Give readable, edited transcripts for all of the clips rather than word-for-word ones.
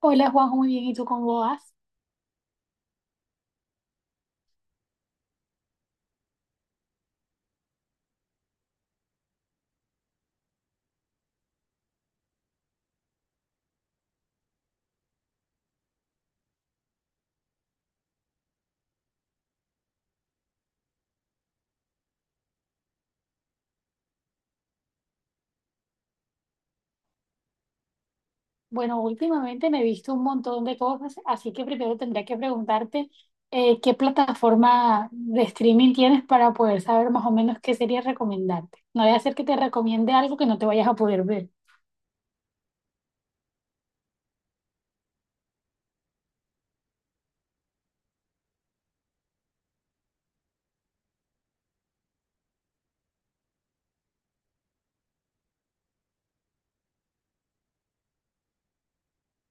Hola Juanjo, muy bien. ¿Y tú cómo vas? Bueno, últimamente me he visto un montón de cosas, así que primero tendría que preguntarte qué plataforma de streaming tienes para poder saber más o menos qué sería recomendarte. No voy a hacer que te recomiende algo que no te vayas a poder ver.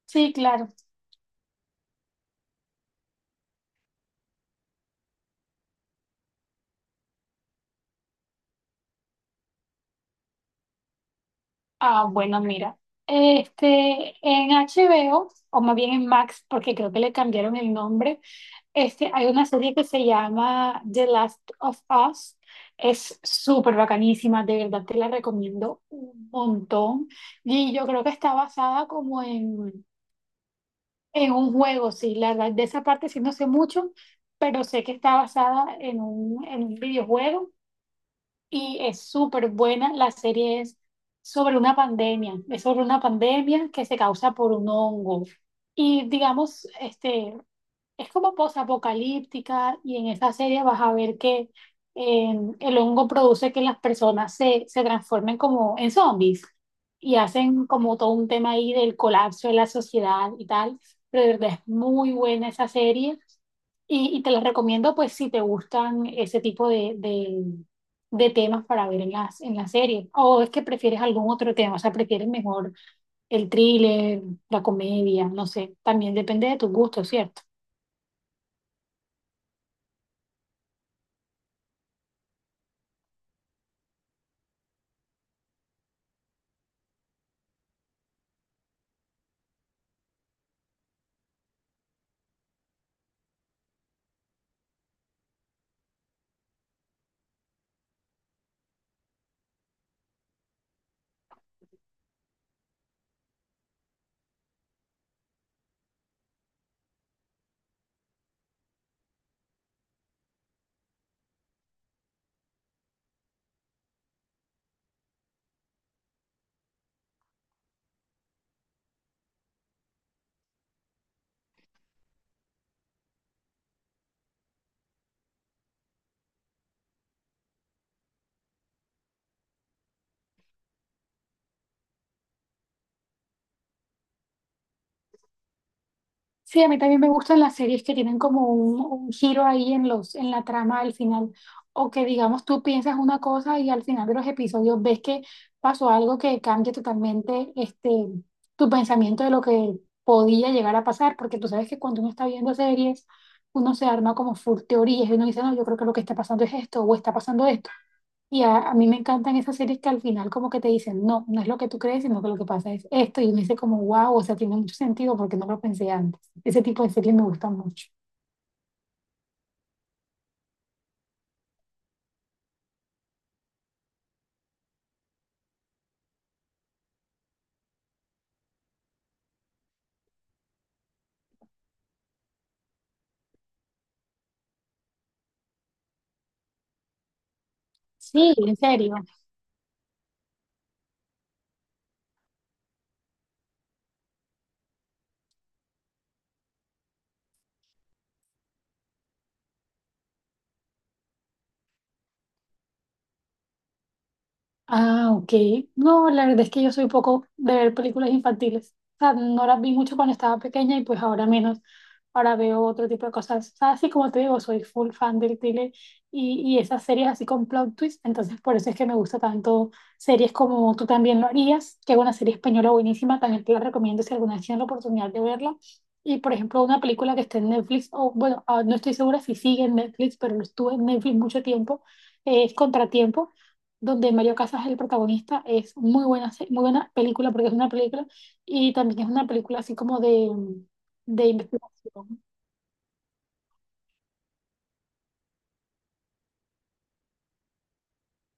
Sí, claro. Ah, bueno, mira. Este, en HBO, o más bien en Max, porque creo que le cambiaron el nombre. Este, hay una serie que se llama The Last of Us. Es súper bacanísima, de verdad te la recomiendo un montón. Y yo creo que está basada como en un juego, sí, la verdad, de esa parte sí no sé mucho, pero sé que está basada en un videojuego y es súper buena. La serie es sobre una pandemia que se causa por un hongo. Y digamos, este, es como posapocalíptica y en esa serie vas a ver que eh, el hongo produce que las personas se transformen como en zombies y hacen como todo un tema ahí del colapso de la sociedad y tal. Pero de verdad es muy buena esa serie y te la recomiendo pues si te gustan ese tipo de temas para ver en en la serie. O es que prefieres algún otro tema, o sea, prefieres mejor el thriller, la comedia, no sé, también depende de tus gustos, ¿cierto? Sí, a mí también me gustan las series que tienen como un giro ahí en en la trama al final, o que digamos tú piensas una cosa y al final de los episodios ves que pasó algo que cambia totalmente este, tu pensamiento de lo que podía llegar a pasar, porque tú sabes que cuando uno está viendo series, uno se arma como full teorías y uno dice, no, yo creo que lo que está pasando es esto, o está pasando esto. Y a mí me encantan esas series que al final como que te dicen, no, no es lo que tú crees, sino que lo que pasa es esto. Y me dice como, wow, o sea, tiene mucho sentido porque no lo pensé antes. Ese tipo de series me gustan mucho. Sí, en serio. Ah, ok. No, la verdad es que yo soy poco de ver películas infantiles. O sea, no las vi mucho cuando estaba pequeña y pues ahora menos. Ahora veo otro tipo de cosas. O sea, así como te digo, soy full fan del thriller y esas series así con plot twist. Entonces, por eso es que me gusta tanto series como Tú también lo harías, que es una serie española buenísima. También te la recomiendo si alguna vez tienes la oportunidad de verla. Y, por ejemplo, una película que está en Netflix, o bueno, ah, no estoy segura si sigue en Netflix, pero estuvo en Netflix mucho tiempo, es Contratiempo donde Mario Casas es el protagonista. Es muy buena, muy buena película porque es una película y también es una película así como de investigación.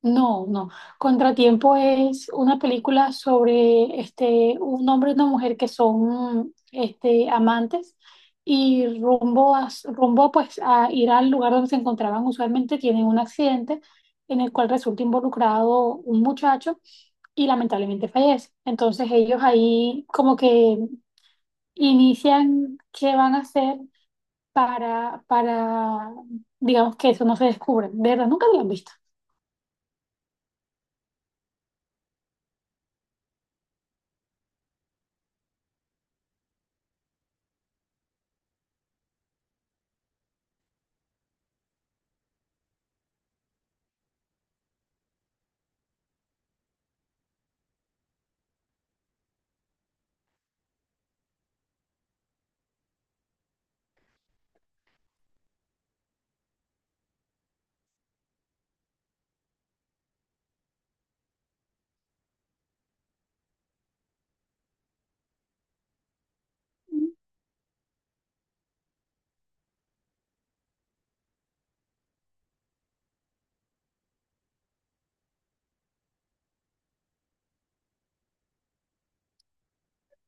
No, no. Contratiempo es una película sobre este, un hombre y una mujer que son este, amantes y rumbo pues a ir al lugar donde se encontraban usualmente tienen un accidente en el cual resulta involucrado un muchacho y lamentablemente fallece. Entonces ellos ahí como que inician qué van a hacer para, digamos, que eso no se descubra. De verdad, nunca lo han visto.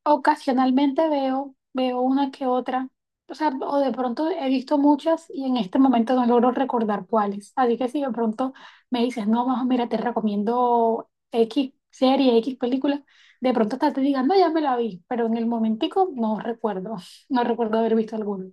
Ocasionalmente veo una que otra, o sea, o de pronto he visto muchas y en este momento no logro recordar cuáles. Así que si de pronto me dices, no, más mira, te recomiendo X serie, X película, de pronto hasta te digan, no, ya me la vi, pero en el momentico no recuerdo, no recuerdo haber visto alguna.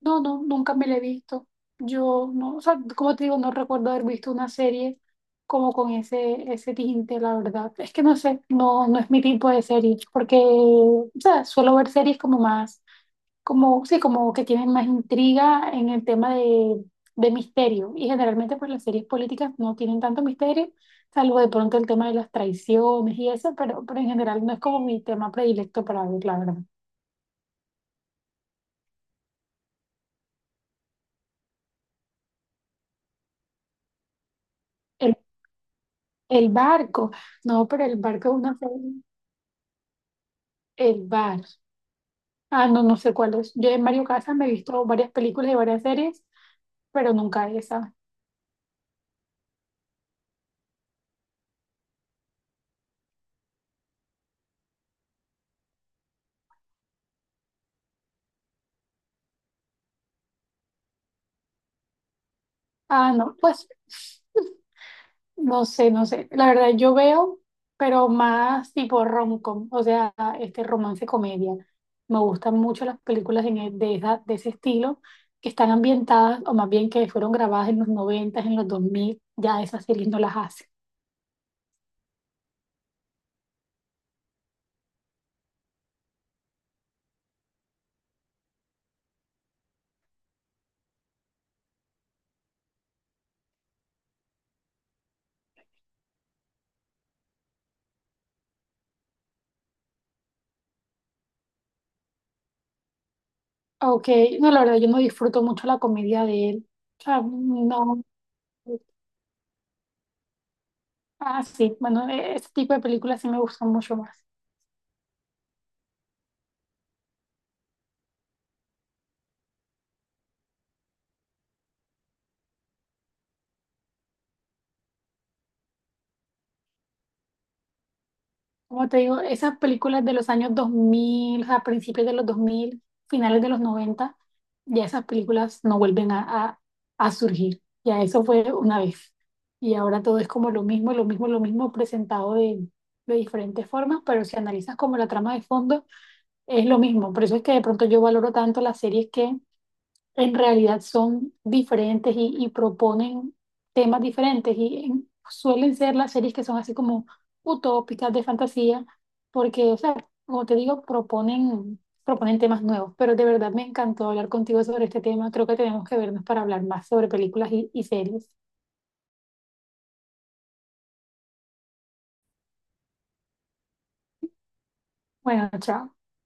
No, no, nunca me la he visto. Yo no, o sea, como te digo, no recuerdo haber visto una serie como con ese tinte, la verdad. Es que no sé, no, no es mi tipo de serie, porque, o sea, suelo ver series como más, como, sí, como que tienen más intriga en el tema de misterio. Y generalmente, pues las series políticas no tienen tanto misterio, salvo de pronto el tema de las traiciones y eso, pero en general no es como mi tema predilecto para ver, la verdad. El, el barco, no, pero el barco es una serie. El bar. Ah, no, no sé cuál es. Yo en Mario Casas me he visto varias películas y varias series, pero nunca esa. Ah, no, pues no sé, no sé. La verdad, yo veo, pero más tipo rom-com, o sea, este romance comedia. Me gustan mucho las películas de ese estilo, que están ambientadas, o más bien que fueron grabadas en los 90, en los 2000, ya esas series no las hace. Ok, no, la verdad, yo no disfruto mucho la comedia de él. O sea, no. Ah, sí, bueno, ese tipo de películas sí me gustan mucho más. Como te digo, esas películas de los años 2000, a principios de los 2000 finales de los 90 ya esas películas no vuelven a surgir. Ya eso fue una vez. Y ahora todo es como lo mismo, lo mismo, lo mismo, presentado de diferentes formas, pero si analizas como la trama de fondo, es lo mismo. Por eso es que de pronto yo valoro tanto las series que en realidad son diferentes y proponen temas diferentes y suelen ser las series que son así como utópicas de fantasía, porque, o sea, como te digo, proponen temas nuevos, pero de verdad me encantó hablar contigo sobre este tema, creo que tenemos que vernos para hablar más sobre películas y series. Bueno, chao.